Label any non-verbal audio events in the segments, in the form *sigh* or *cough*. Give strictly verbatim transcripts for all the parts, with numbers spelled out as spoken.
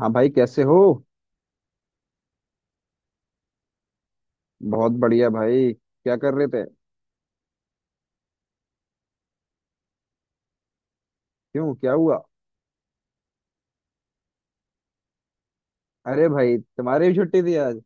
हाँ भाई, कैसे हो। बहुत बढ़िया भाई, क्या कर रहे थे। क्यों, क्या हुआ। अरे भाई, तुम्हारी भी छुट्टी थी आज।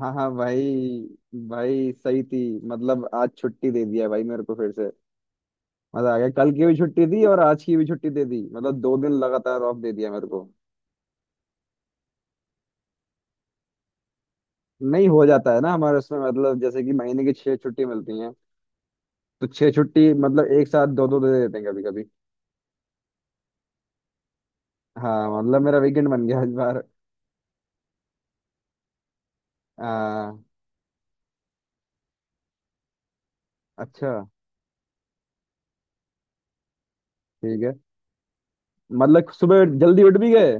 हाँ हाँ भाई। भाई सही थी। मतलब आज छुट्टी दे दिया भाई मेरे को फिर से। मजा आ गया, कल की भी छुट्टी दी और आज की भी छुट्टी दे दी, मतलब दो दिन लगातार ऑफ दे दिया मेरे को। नहीं हो जाता है ना हमारे उसमें, मतलब जैसे कि महीने की छह छुट्टी मिलती हैं। तो छह छुट्टी मतलब एक साथ दो दो दे देते हैं कभी कभी। हाँ मतलब मेरा वीकेंड बन गया इस बार। हाँ। अच्छा। ठीक है। मतलब सुबह जल्दी उठ भी गए।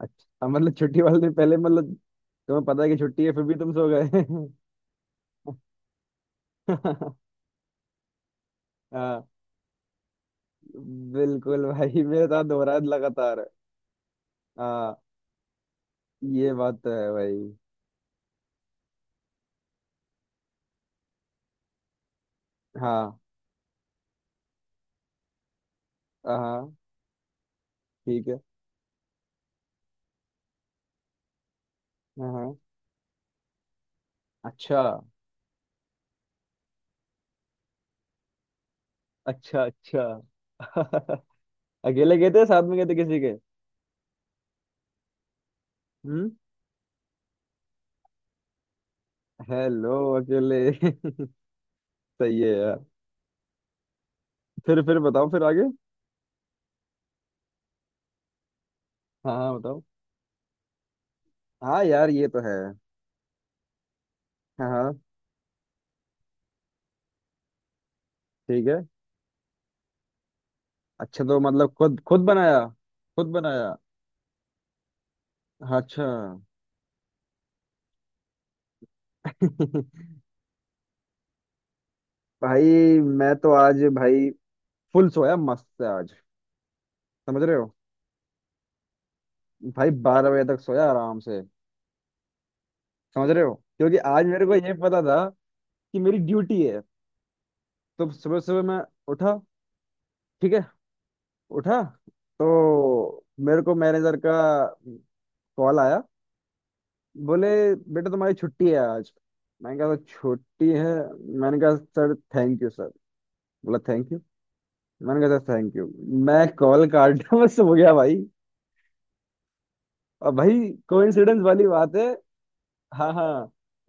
अच्छा, मतलब छुट्टी वाले दिन पहले मतलब तुम्हें पता है कि छुट्टी है फिर भी तुम सो गए। *laughs* हाँ। बिल्कुल भाई, मेरे साथ हो रहा है लगातार। हाँ। ये बात तो है भाई। हाँ हाँ। ठीक है। हाँ हाँ। अच्छा अच्छा अच्छा। *laughs* अकेले गए थे, साथ में गए थे किसी के। हम्म। हेलो। अकेले। *laughs* सही है यार। फिर फिर बताओ फिर आगे। हाँ हाँ बताओ। हाँ यार, ये तो है। हाँ हाँ। ठीक है। अच्छा, तो मतलब खुद खुद बनाया। खुद बनाया। अच्छा। *laughs* भाई मैं तो आज भाई फुल सोया मस्त से आज। समझ रहे हो। भाई बारह बजे तक सोया आराम से। समझ रहे हो, क्योंकि आज मेरे को ये पता था कि मेरी ड्यूटी है। तो सुबह सुबह मैं उठा। ठीक है। उठा तो मेरे को मैनेजर का कॉल आया। बोले, बेटा तुम्हारी छुट्टी है आज। मैंने कहा छुट्टी है। मैंने कहा सर थैंक यू सर। बोला थैंक यू। मैंने कहा सर थैंक यू। मैं कॉल काटा, मैं सो *laughs* गया भाई। अब भाई कोइंसिडेंस वाली बात है। हाँ हाँ।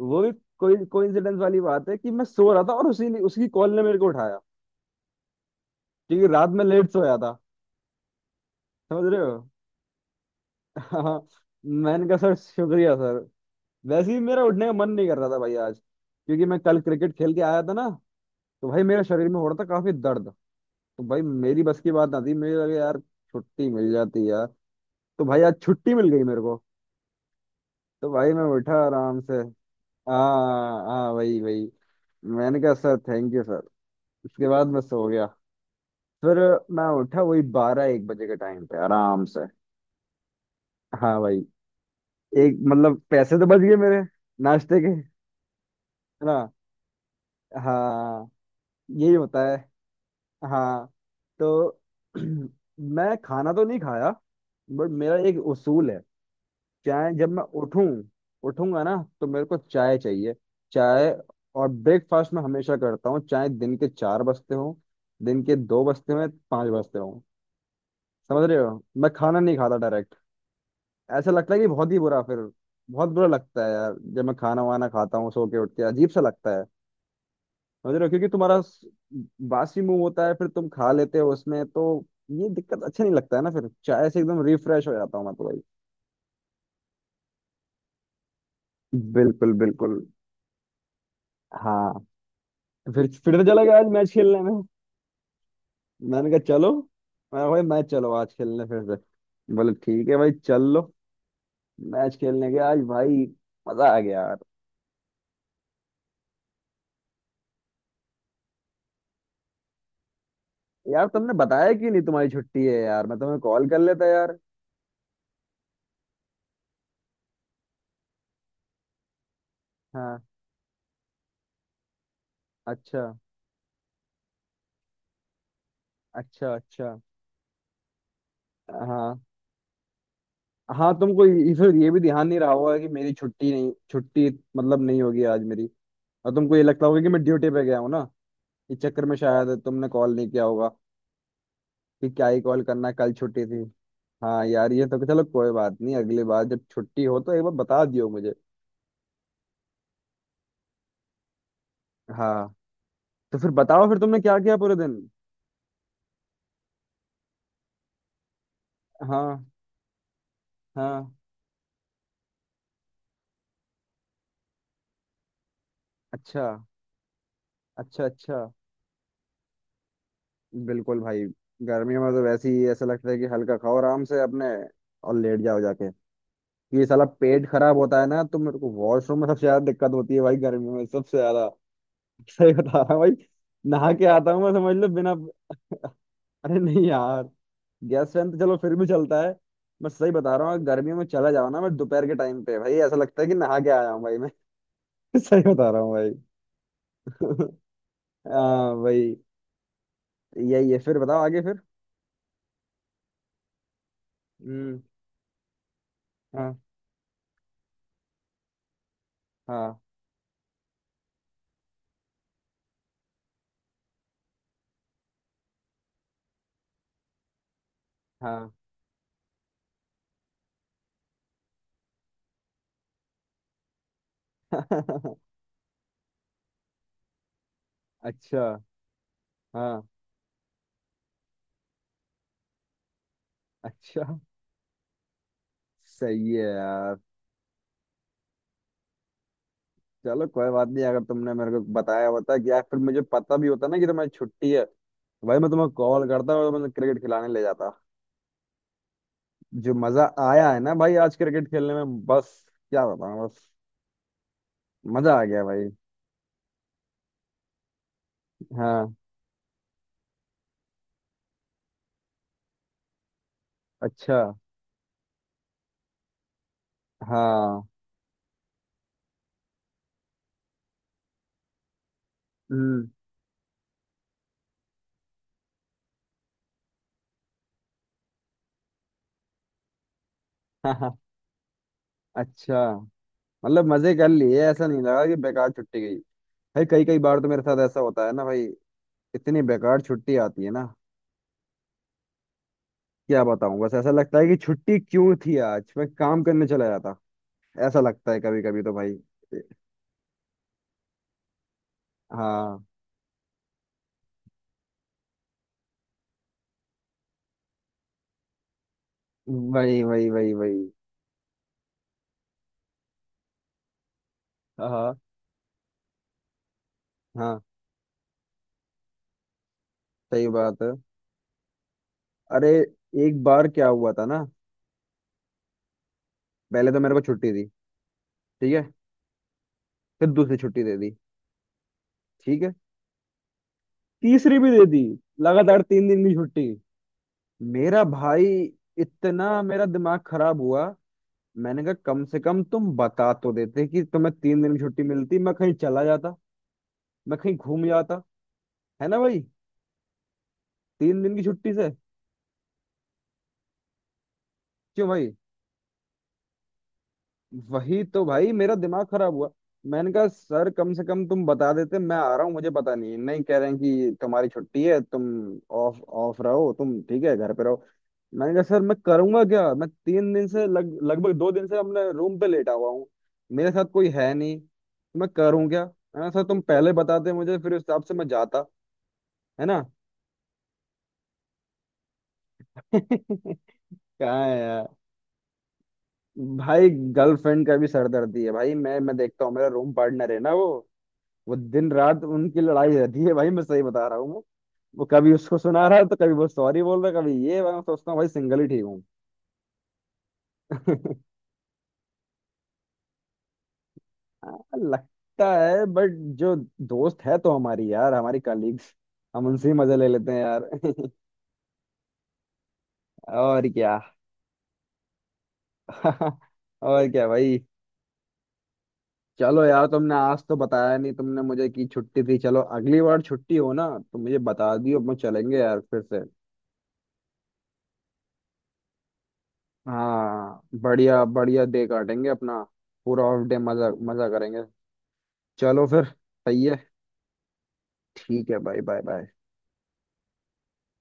वो भी कोई कोइंसिडेंस वाली बात है कि मैं सो रहा था और उसी ने, उसकी कॉल ने मेरे को उठाया, क्योंकि रात में लेट सोया था। समझ रहे हो। हाँ हाँ, मैंने कहा सर शुक्रिया सर। वैसे ही मेरा उठने का मन नहीं कर रहा था भाई आज, क्योंकि मैं कल क्रिकेट खेल के आया था ना। तो भाई मेरे शरीर में हो रहा था काफी दर्द। तो भाई मेरी बस की बात ना थी, मेरे लगे यार छुट्टी मिल जाती यार। तो भाई आज छुट्टी मिल गई मेरे को। तो भाई मैं उठा आराम से। हाँ हाँ वही वही। मैंने कहा सर थैंक यू सर। उसके बाद मैं सो गया। फिर मैं उठा वही बारह एक बजे के टाइम पे आराम से। हाँ भाई। एक मतलब पैसे तो बच गए मेरे, नाश्ते के। है ना। हाँ, यही होता है। हाँ। तो *clears throat* मैं खाना तो नहीं खाया, बट मेरा एक उसूल है, चाहे जब मैं उठूं, उठूंगा ना तो मेरे को चाय चाहिए। चाय और ब्रेकफास्ट में हमेशा करता हूँ, चाहे दिन के चार बजते हों, दिन के दो बजते हों या पाँच बजते हों। समझ रहे हो, मैं खाना नहीं खाता डायरेक्ट। ऐसा लगता है कि बहुत ही बुरा फिर। बहुत बुरा लगता है यार जब मैं खाना वाना खाता हूँ सो के उठ के, अजीब सा लगता है। समझ रहे हो, क्योंकि तुम्हारा स- बासी मुंह होता है फिर तुम खा लेते हो उसमें तो, ये दिक्कत। अच्छा नहीं लगता है ना, फिर चाय से एकदम रिफ्रेश हो जाता हूँ मैं तो भाई। बिल्कुल बिल्कुल। हाँ। तो फिर फिर तो चला गया आज मैच खेलने में। मैंने कहा चलो, मैं भाई मैच चलो आज खेलने, फिर से बोले ठीक है भाई चल लो। मैच खेलने गया आज भाई। मजा आ गया यार। यार तुमने बताया क्यों नहीं तुम्हारी छुट्टी है, यार मैं तुम्हें कॉल कर लेता यार। हाँ। अच्छा अच्छा अच्छा। हाँ हाँ। तुमको ये- फिर ये भी ध्यान नहीं रहा होगा कि मेरी छुट्टी नहीं, छुट्टी मतलब नहीं होगी आज मेरी। और तुमको ये लगता होगा कि मैं ड्यूटी पे गया हूँ ना। इस चक्कर में शायद तुमने कॉल नहीं किया होगा कि क्या ही कॉल करना, कल छुट्टी थी। हाँ यार, ये तो चलो कोई बात नहीं। अगली बार जब छुट्टी हो तो एक बार बता दियो मुझे। हाँ। तो फिर बताओ फिर तुमने क्या किया पूरे दिन। हाँ हाँ। अच्छा अच्छा अच्छा। बिल्कुल भाई। गर्मियों में तो वैसे ही ऐसा लगता है कि हल्का खाओ आराम से अपने, और लेट जाओ जाके। ये साला पेट खराब होता है ना तो मेरे को वॉशरूम में सबसे ज्यादा दिक्कत होती है भाई, गर्मियों में सबसे ज्यादा। *laughs* सही बता रहा हूँ भाई। नहा के आता हूँ मैं, समझ लो बिना। अरे नहीं यार, गैस फैन तो चलो फिर भी चलता है। मैं सही बता रहा हूँ, अगर गर्मियों में चला जाओ ना, मैं दोपहर के टाइम पे भाई ऐसा लगता है कि नहा के आया हूँ भाई मैं। *laughs* सही बता रहा हूँ भाई। *laughs* हाँ भाई। यही है। फिर बताओ आगे फिर। हम्म। हाँ हाँ हाँ। *laughs* अच्छा। हाँ। अच्छा। सही है यार। चलो कोई बात नहीं, अगर तुमने मेरे को बताया होता कि यार, फिर मुझे पता भी होता ना कि तुम्हारी छुट्टी है। भाई मैं तुम्हें कॉल करता और तुम्हें क्रिकेट खिलाने ले जाता। जो मजा आया है ना भाई आज क्रिकेट खेलने में, बस क्या बताऊं बस। मजा आ गया भाई। हाँ। अच्छा। हाँ। हम्म। *laughs* हाँ। अच्छा, मतलब मजे कर लिए, ऐसा नहीं लगा कि बेकार छुट्टी गई। भाई कई कई बार तो मेरे साथ ऐसा होता है ना भाई, इतनी बेकार छुट्टी आती है ना, क्या बताऊं बस। ऐसा लगता है कि छुट्टी क्यों थी आज, मैं काम करने चला जाता। ऐसा लगता है कभी कभी तो भाई। हाँ वही वही वही वही। हाँ हाँ सही बात है। अरे एक बार क्या हुआ था ना, पहले तो मेरे को छुट्टी दी। ठीक है। फिर दूसरी छुट्टी दे दी। ठीक है। तीसरी भी दे दी। लगातार तीन दिन की छुट्टी। मेरा भाई, इतना मेरा दिमाग खराब हुआ। मैंने कहा कम से कम तुम बता तो देते कि तुम्हें तीन दिन की छुट्टी मिलती, मैं कहीं चला जाता, मैं कहीं घूम जाता। है ना भाई, तीन दिन की छुट्टी से। क्यों भाई। वही तो भाई, मेरा दिमाग खराब हुआ। मैंने कहा सर कम से कम तुम बता देते, मैं आ रहा हूँ, मुझे पता नहीं है। नहीं, कह रहे हैं कि तुम्हारी छुट्टी है तुम ऑफ ऑफ रहो तुम, ठीक है घर पे रहो। मैंने कहा सर मैं करूंगा क्या, मैं तीन दिन से लग लगभग, दो दिन से अपने रूम पे लेटा हुआ हूँ। मेरे साथ कोई है नहीं, तो मैं करूँ क्या, है ना सर, तुम पहले बताते मुझे फिर उस हिसाब से मैं जाता। है ना। *laughs* कहाँ। है भाई गर्लफ्रेंड का भी सरदर्दी है भाई, मैं मैं देखता हूँ, मेरा रूम पार्टनर है ना, वो वो दिन रात उनकी लड़ाई रहती है भाई, मैं सही बता रहा हूँ। वो वो कभी उसको सुना रहा है तो कभी वो सॉरी बोल रहा है, कभी ये मैं सोचता हूँ भाई सिंगल ही ठीक हूँ। *laughs* हाँ, लगता है बट जो दोस्त है तो हमारी, यार हमारी कलीग्स, हम उनसे ही मजे ले लेते हैं यार। *laughs* और क्या। *laughs* और क्या भाई। चलो यार, तुमने आज तो बताया नहीं तुमने मुझे कि छुट्टी थी, चलो अगली बार छुट्टी हो ना तो मुझे बता दियो, अपन चलेंगे यार फिर से। हाँ, बढ़िया बढ़िया डे काटेंगे अपना। पूरा ऑफ डे मजा मजा करेंगे। चलो फिर, सही है। ठीक है भाई, बाय बाय।